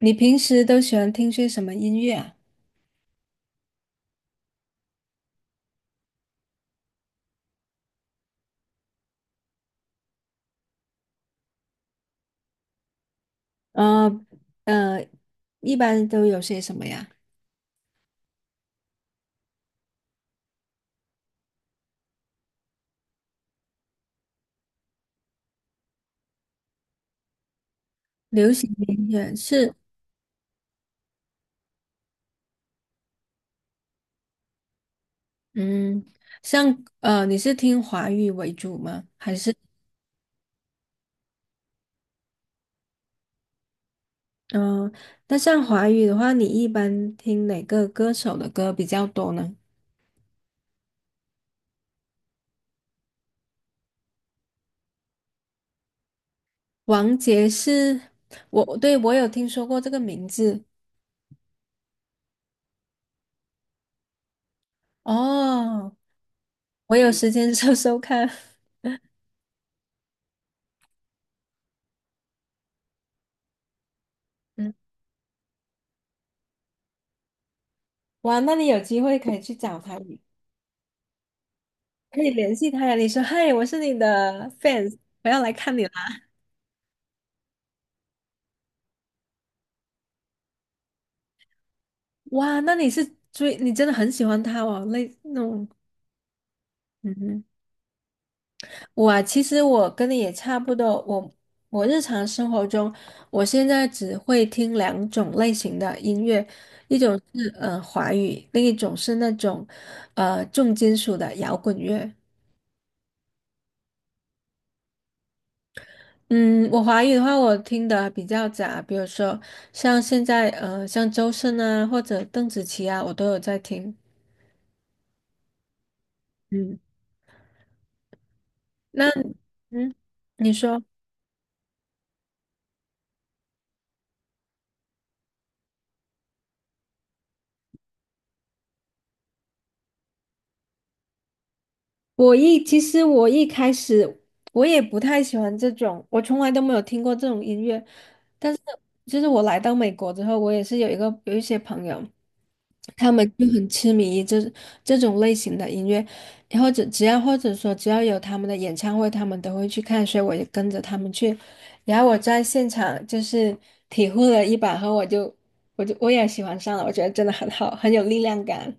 你平时都喜欢听些什么音乐啊？呃呃，一般都有些什么呀？流行音乐是？嗯，像你是听华语为主吗？还是？嗯、呃那像华语的话，你一般听哪个歌手的歌比较多呢？王杰是？我对，我有听说过这个名字。哦，我有时间 搜搜看。嗯，哇，那你有机会可以去找他。可以联系他呀，你说嗨，我是你的 fans，我要来看你了。哇，那你是追，你真的很喜欢他哦，那种，嗯哼。我啊，其实我跟你也差不多，我日常生活中，我现在只会听两种类型的音乐，一种是华语，另一种是那种重金属的摇滚乐。嗯，我华语的话，我听的比较杂，比如说像现在像周深啊，或者邓紫棋啊，我都有在听。嗯，那嗯，你说，其实我一开始我也不太喜欢这种，我从来都没有听过这种音乐。但是就是我来到美国之后，我也是有一些朋友，他们就很痴迷于这种类型的音乐，或者说只要有他们的演唱会，他们都会去看，所以我也跟着他们去。然后我在现场就是体会了一把后，我也喜欢上了，我觉得真的很好，很有力量感。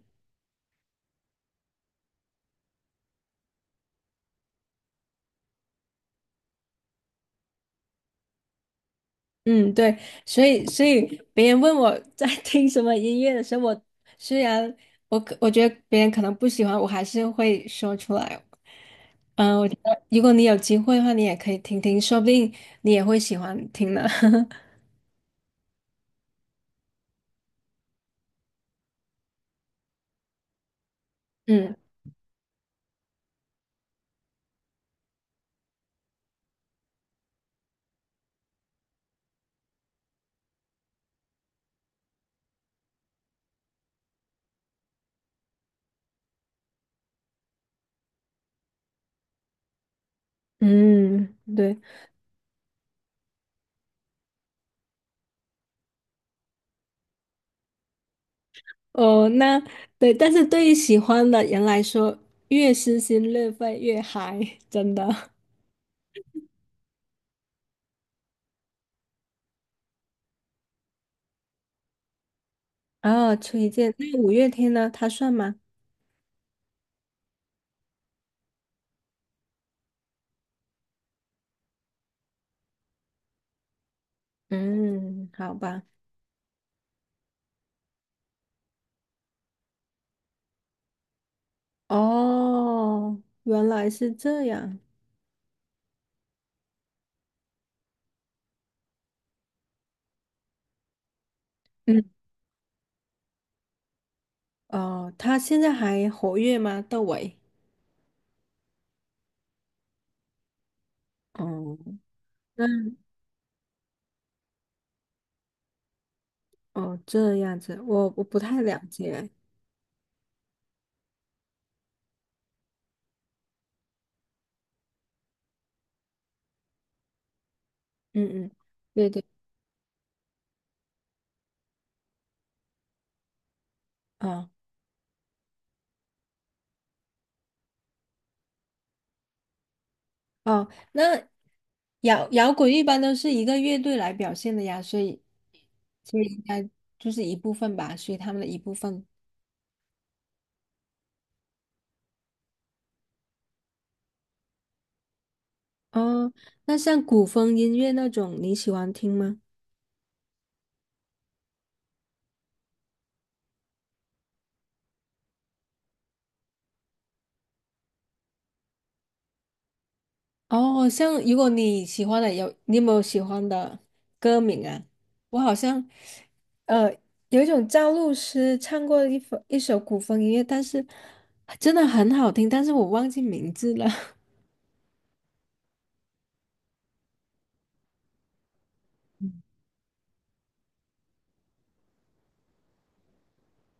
嗯，对，所以别人问我在 听什么音乐的时候，我虽然我觉得别人可能不喜欢，我还是会说出来。嗯，我觉得如果你有机会的话，你也可以听听，说不定你也会喜欢听呢。嗯嗯，对哦，那对，但是对于喜欢的人来说，越撕心裂肺越嗨，真的。哦，崔健，那五月天呢？他算吗？嗯，好吧。哦，原来是这样。嗯，哦，他现在还活跃吗？窦唯？哦，那哦，这样子，我不太了解。嗯嗯，对对，哦哦，那摇滚一般都是一个乐队来表现的呀，所以应该就是一部分吧，属于他们的一部分。哦，那像古风音乐那种，你喜欢听吗？哦，像如果你喜欢的有，你有没有喜欢的歌名啊？我好像，呃，有一种赵露思唱过的一首古风音乐，但是真的很好听，但是我忘记名字了。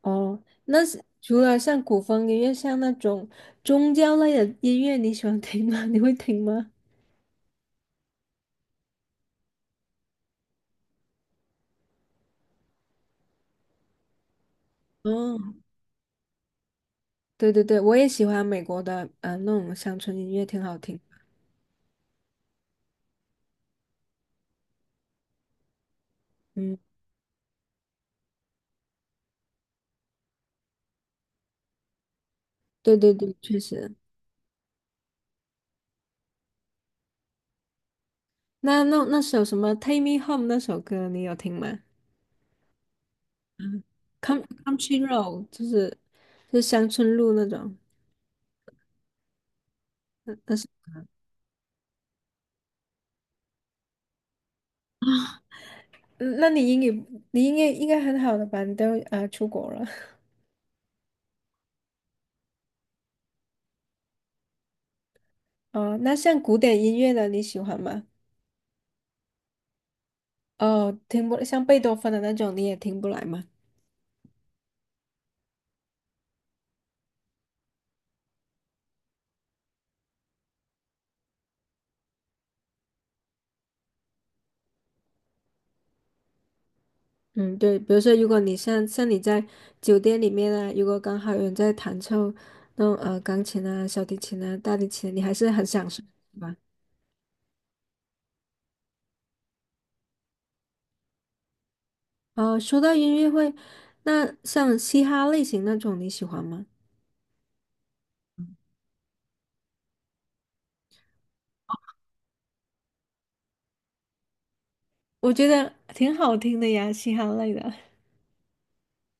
哦，那是除了像古风音乐，像那种宗教类的音乐，你喜欢听吗？你会听吗？哦，对对对，我也喜欢美国的，那种乡村音乐挺好听。嗯，对对对，确实。那那首什么《Take Me Home》那首歌，你有听吗？嗯，《Come Country Road》就是乡村路那种。那是啊，嗯那你英语你应该很好的吧？你都啊、出国了。 哦。那像古典音乐的你喜欢吗？哦，听不像贝多芬的那种你也听不来吗？嗯，对，比如说如果你像你在酒店里面啊，如果刚好有人在弹奏那种钢琴啊、小提琴啊、大提琴，你还是很享受，是吧？哦，说到音乐会，那像嘻哈类型那种你喜欢吗？我觉得挺好听的呀，嘻哈类的。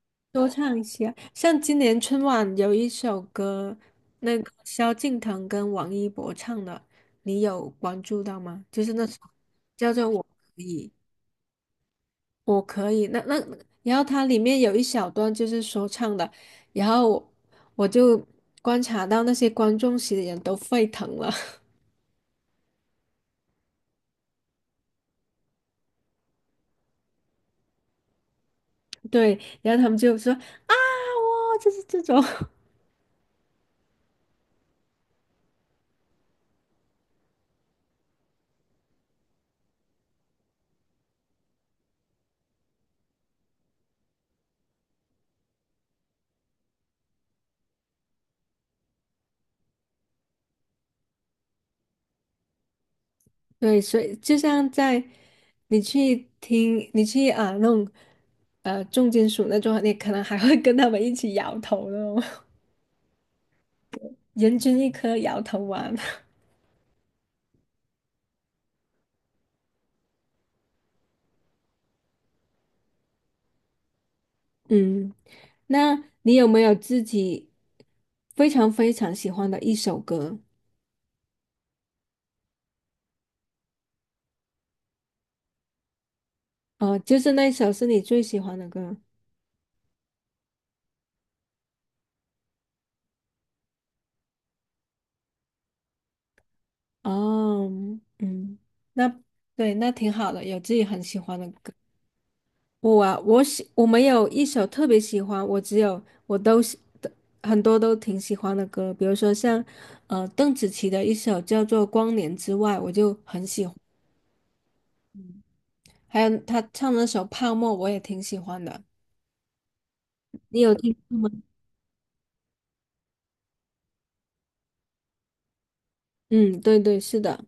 多唱一些。像今年春晚有一首歌，那个萧敬腾跟王一博唱的，你有关注到吗？就是那首叫做《我可以，我可以》。那，然后它里面有一小段就是说唱的，然后我就观察到那些观众席的人都沸腾了。对，然后他们就说啊，哇，就是这种，对，所以就像在你去听，你去啊那种重金属那种，你可能还会跟他们一起摇头那种。 人均一颗摇头丸。嗯，那你有没有自己非常非常喜欢的一首歌？哦，就是那首是你最喜欢的歌。哦，嗯，那对，那挺好的，有自己很喜欢的歌。我啊，我没有一首特别喜欢，我只有我都喜的很多都挺喜欢的歌，比如说像邓紫棋的一首叫做《光年之外》，我就很喜欢，还有她唱那首《泡沫》，我也挺喜欢的。你有听过吗？嗯，对对，是的，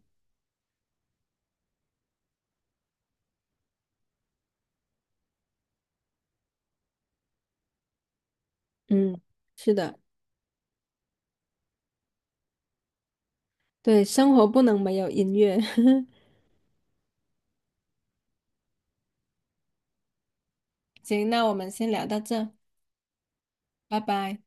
嗯，是的，对，生活不能没有音乐。行，那我们先聊到这，拜拜。